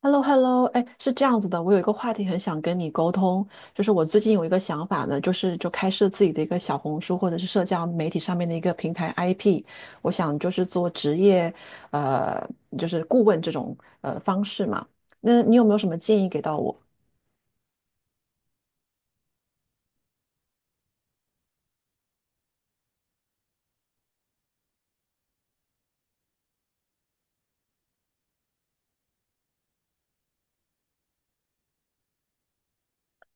H e l l o h e l l o 哎，是这样子的，我有一个话题很想跟你沟通。就是我最近有一个想法呢，就是开设自己的一个小红书或者是社交媒体上面的一个平台 IP。我想就是做职业，呃，就是顾问这种方式嘛。那你有没有什么建议给到我？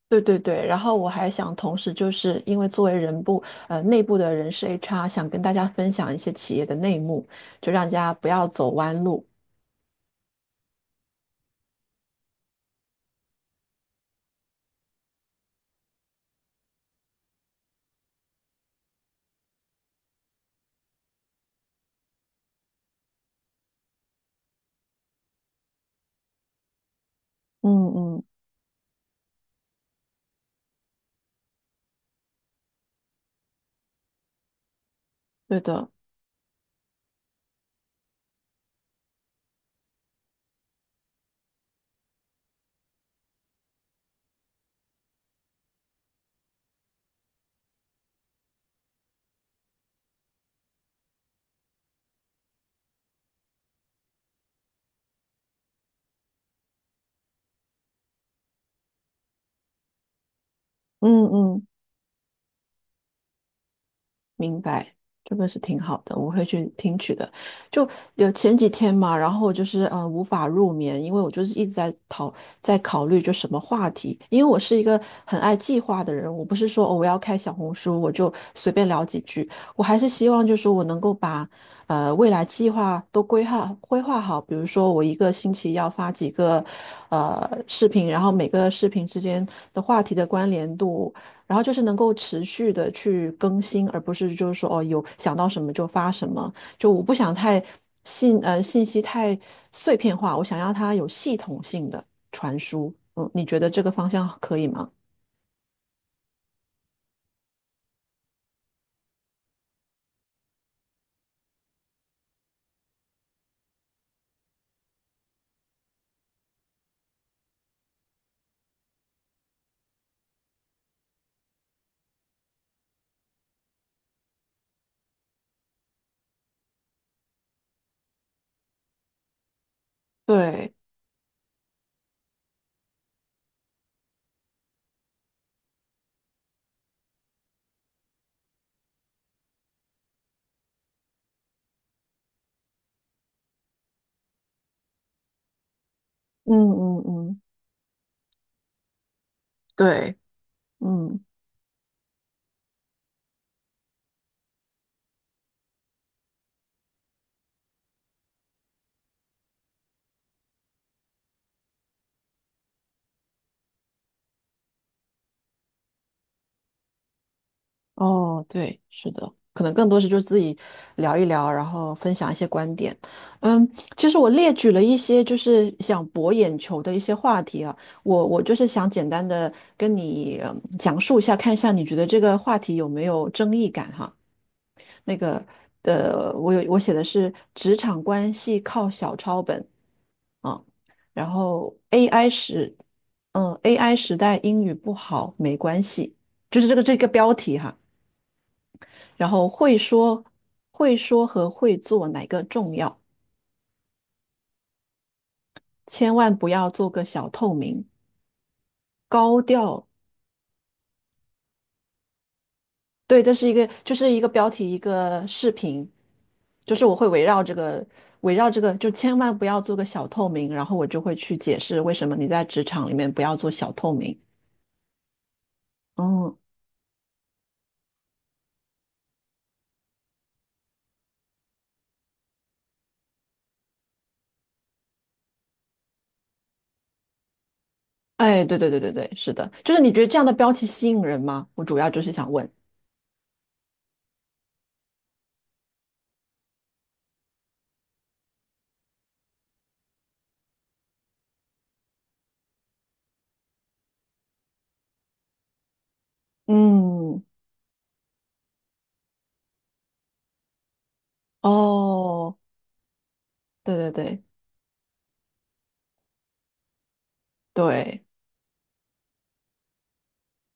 对对对，然后我还想同时就是因为作为内部的人事 HR，想跟大家分享一些企业的内幕，就让大家不要走弯路。嗯嗯，对的，嗯嗯。明白，这个是挺好的，我会去听取的。就有前几天嘛，然后就是无法入眠，因为我就是一直在考虑就什么话题。因为我是一个很爱计划的人，我不是说哦我要开小红书我就随便聊几句，我还是希望就是说我能够把未来计划都规划规划好。比如说我一个星期要发几个视频，然后每个视频之间的话题的关联度。然后就是能够持续的去更新，而不是就是说哦，有想到什么就发什么。就我不想太信息太碎片化，我想要它有系统性的传输。嗯，你觉得这个方向可以吗？对，嗯嗯嗯，对，嗯。哦，对，是的，可能更多是就是自己聊一聊，然后分享一些观点。嗯，其实我列举了一些就是想博眼球的一些话题啊，我就是想简单的跟你讲述一下，看一下你觉得这个话题有没有争议感哈。那个我写的是职场关系靠小抄本啊，然后 AI AI 时代英语不好没关系，就是这个标题哈。然后会说和会做哪个重要？千万不要做个小透明，高调。对，这是一个，就是一个标题，一个视频，就是我会围绕这个，就千万不要做个小透明，然后我就会去解释为什么你在职场里面不要做小透明。嗯，哎，对对对对对，是的，就是你觉得这样的标题吸引人吗？我主要就是想问。嗯，哦，对对对对，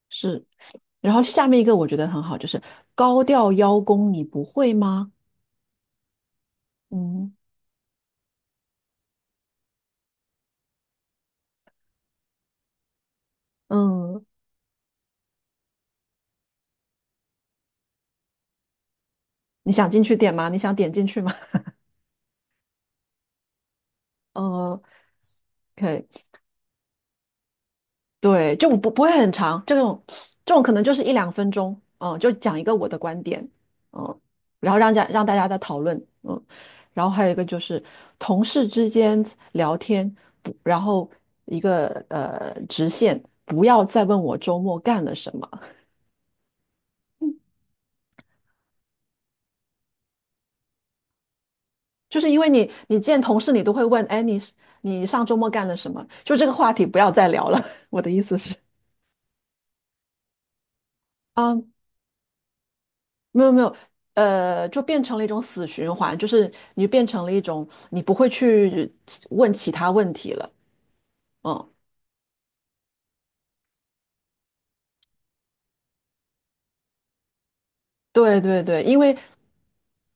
是。然后下面一个我觉得很好，就是高调邀功，你不会吗？嗯嗯，你想进去点吗？你想点进去吗？嗯 OK 对，就不会很长，这种可能就是一两分钟。嗯，就讲一个我的观点。嗯，然后让大家在讨论。嗯，然后还有一个就是同事之间聊天。不，然后一个直线，不要再问我周末干了什么。就是因为你见同事你都会问，哎，你上周末干了什么？就这个话题不要再聊了。我的意思是，啊，没有没有，就变成了一种死循环，就是你变成了一种你不会去问其他问题了。嗯，对对对，因为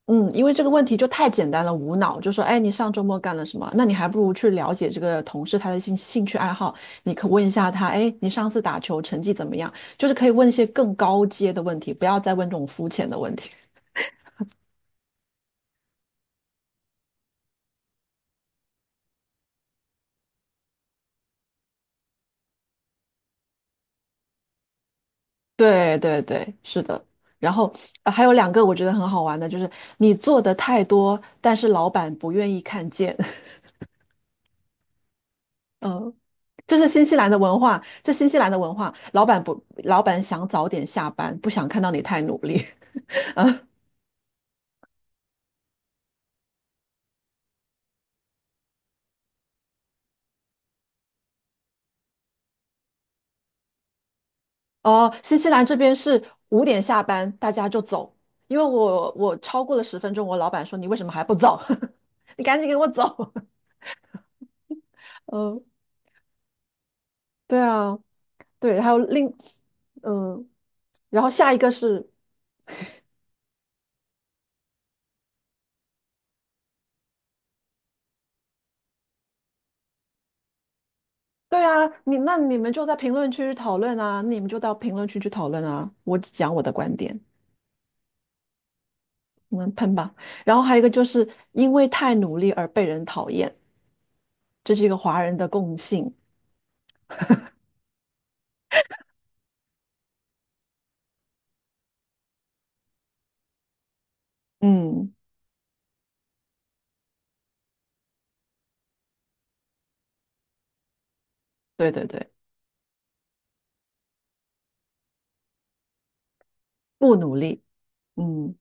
这个问题就太简单了。无脑就说，哎，你上周末干了什么？那你还不如去了解这个同事他的兴趣爱好，你可问一下他，哎，你上次打球成绩怎么样？就是可以问一些更高阶的问题，不要再问这种肤浅的问题。对对对，是的。然后，还有两个我觉得很好玩的，就是你做的太多，但是老板不愿意看见。嗯，这新西兰的文化，老板不，老板想早点下班，不想看到你太努力。哦，新西兰这边是5点下班，大家就走，因为我超过了10分钟，我老板说你为什么还不走？你赶紧给我走。嗯，对啊，对，还有另嗯，然后下一个是，对啊，你们就在评论区讨论啊，你们就到评论区去讨论啊，我只讲我的观点，你们喷吧。然后还有一个就是因为太努力而被人讨厌，这是一个华人的共性。嗯，对对对，不努力，嗯。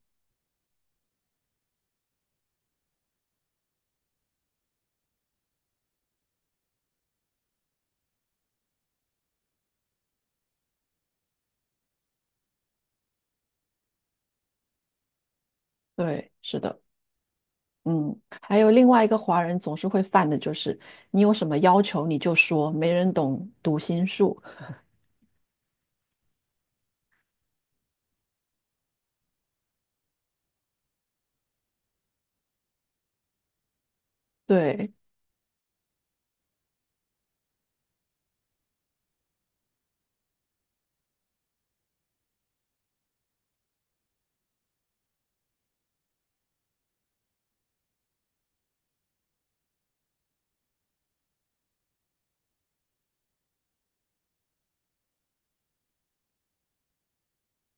对，是的，嗯，还有另外一个华人总是会犯的就是，你有什么要求你就说，没人懂读心术。对，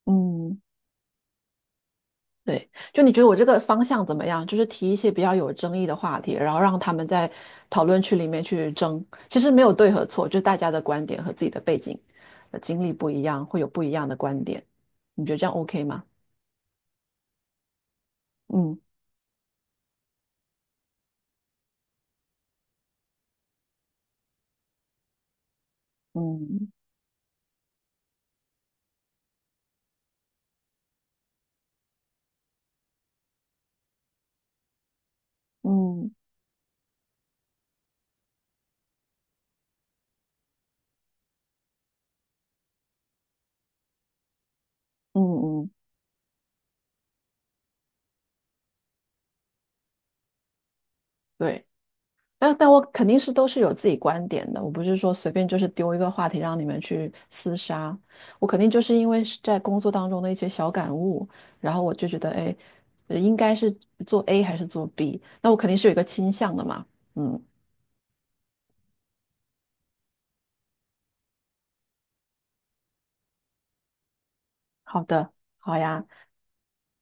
嗯，对，就你觉得我这个方向怎么样？就是提一些比较有争议的话题，然后让他们在讨论区里面去争。其实没有对和错，就是大家的观点和自己的背景、经历不一样，会有不一样的观点。你觉得这样 OK 吗？嗯嗯嗯嗯嗯，对。但我肯定是都是有自己观点的，我不是说随便就是丢一个话题让你们去厮杀，我肯定就是因为是在工作当中的一些小感悟，然后我就觉得，哎，应该是做 A 还是做 B，那我肯定是有一个倾向的嘛。嗯，好的，好呀，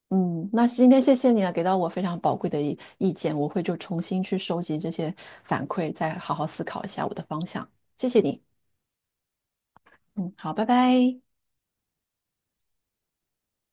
嗯，那今天谢谢你啊，给到我非常宝贵的意见，我会就重新去收集这些反馈，再好好思考一下我的方向。谢谢你，嗯，好，拜拜。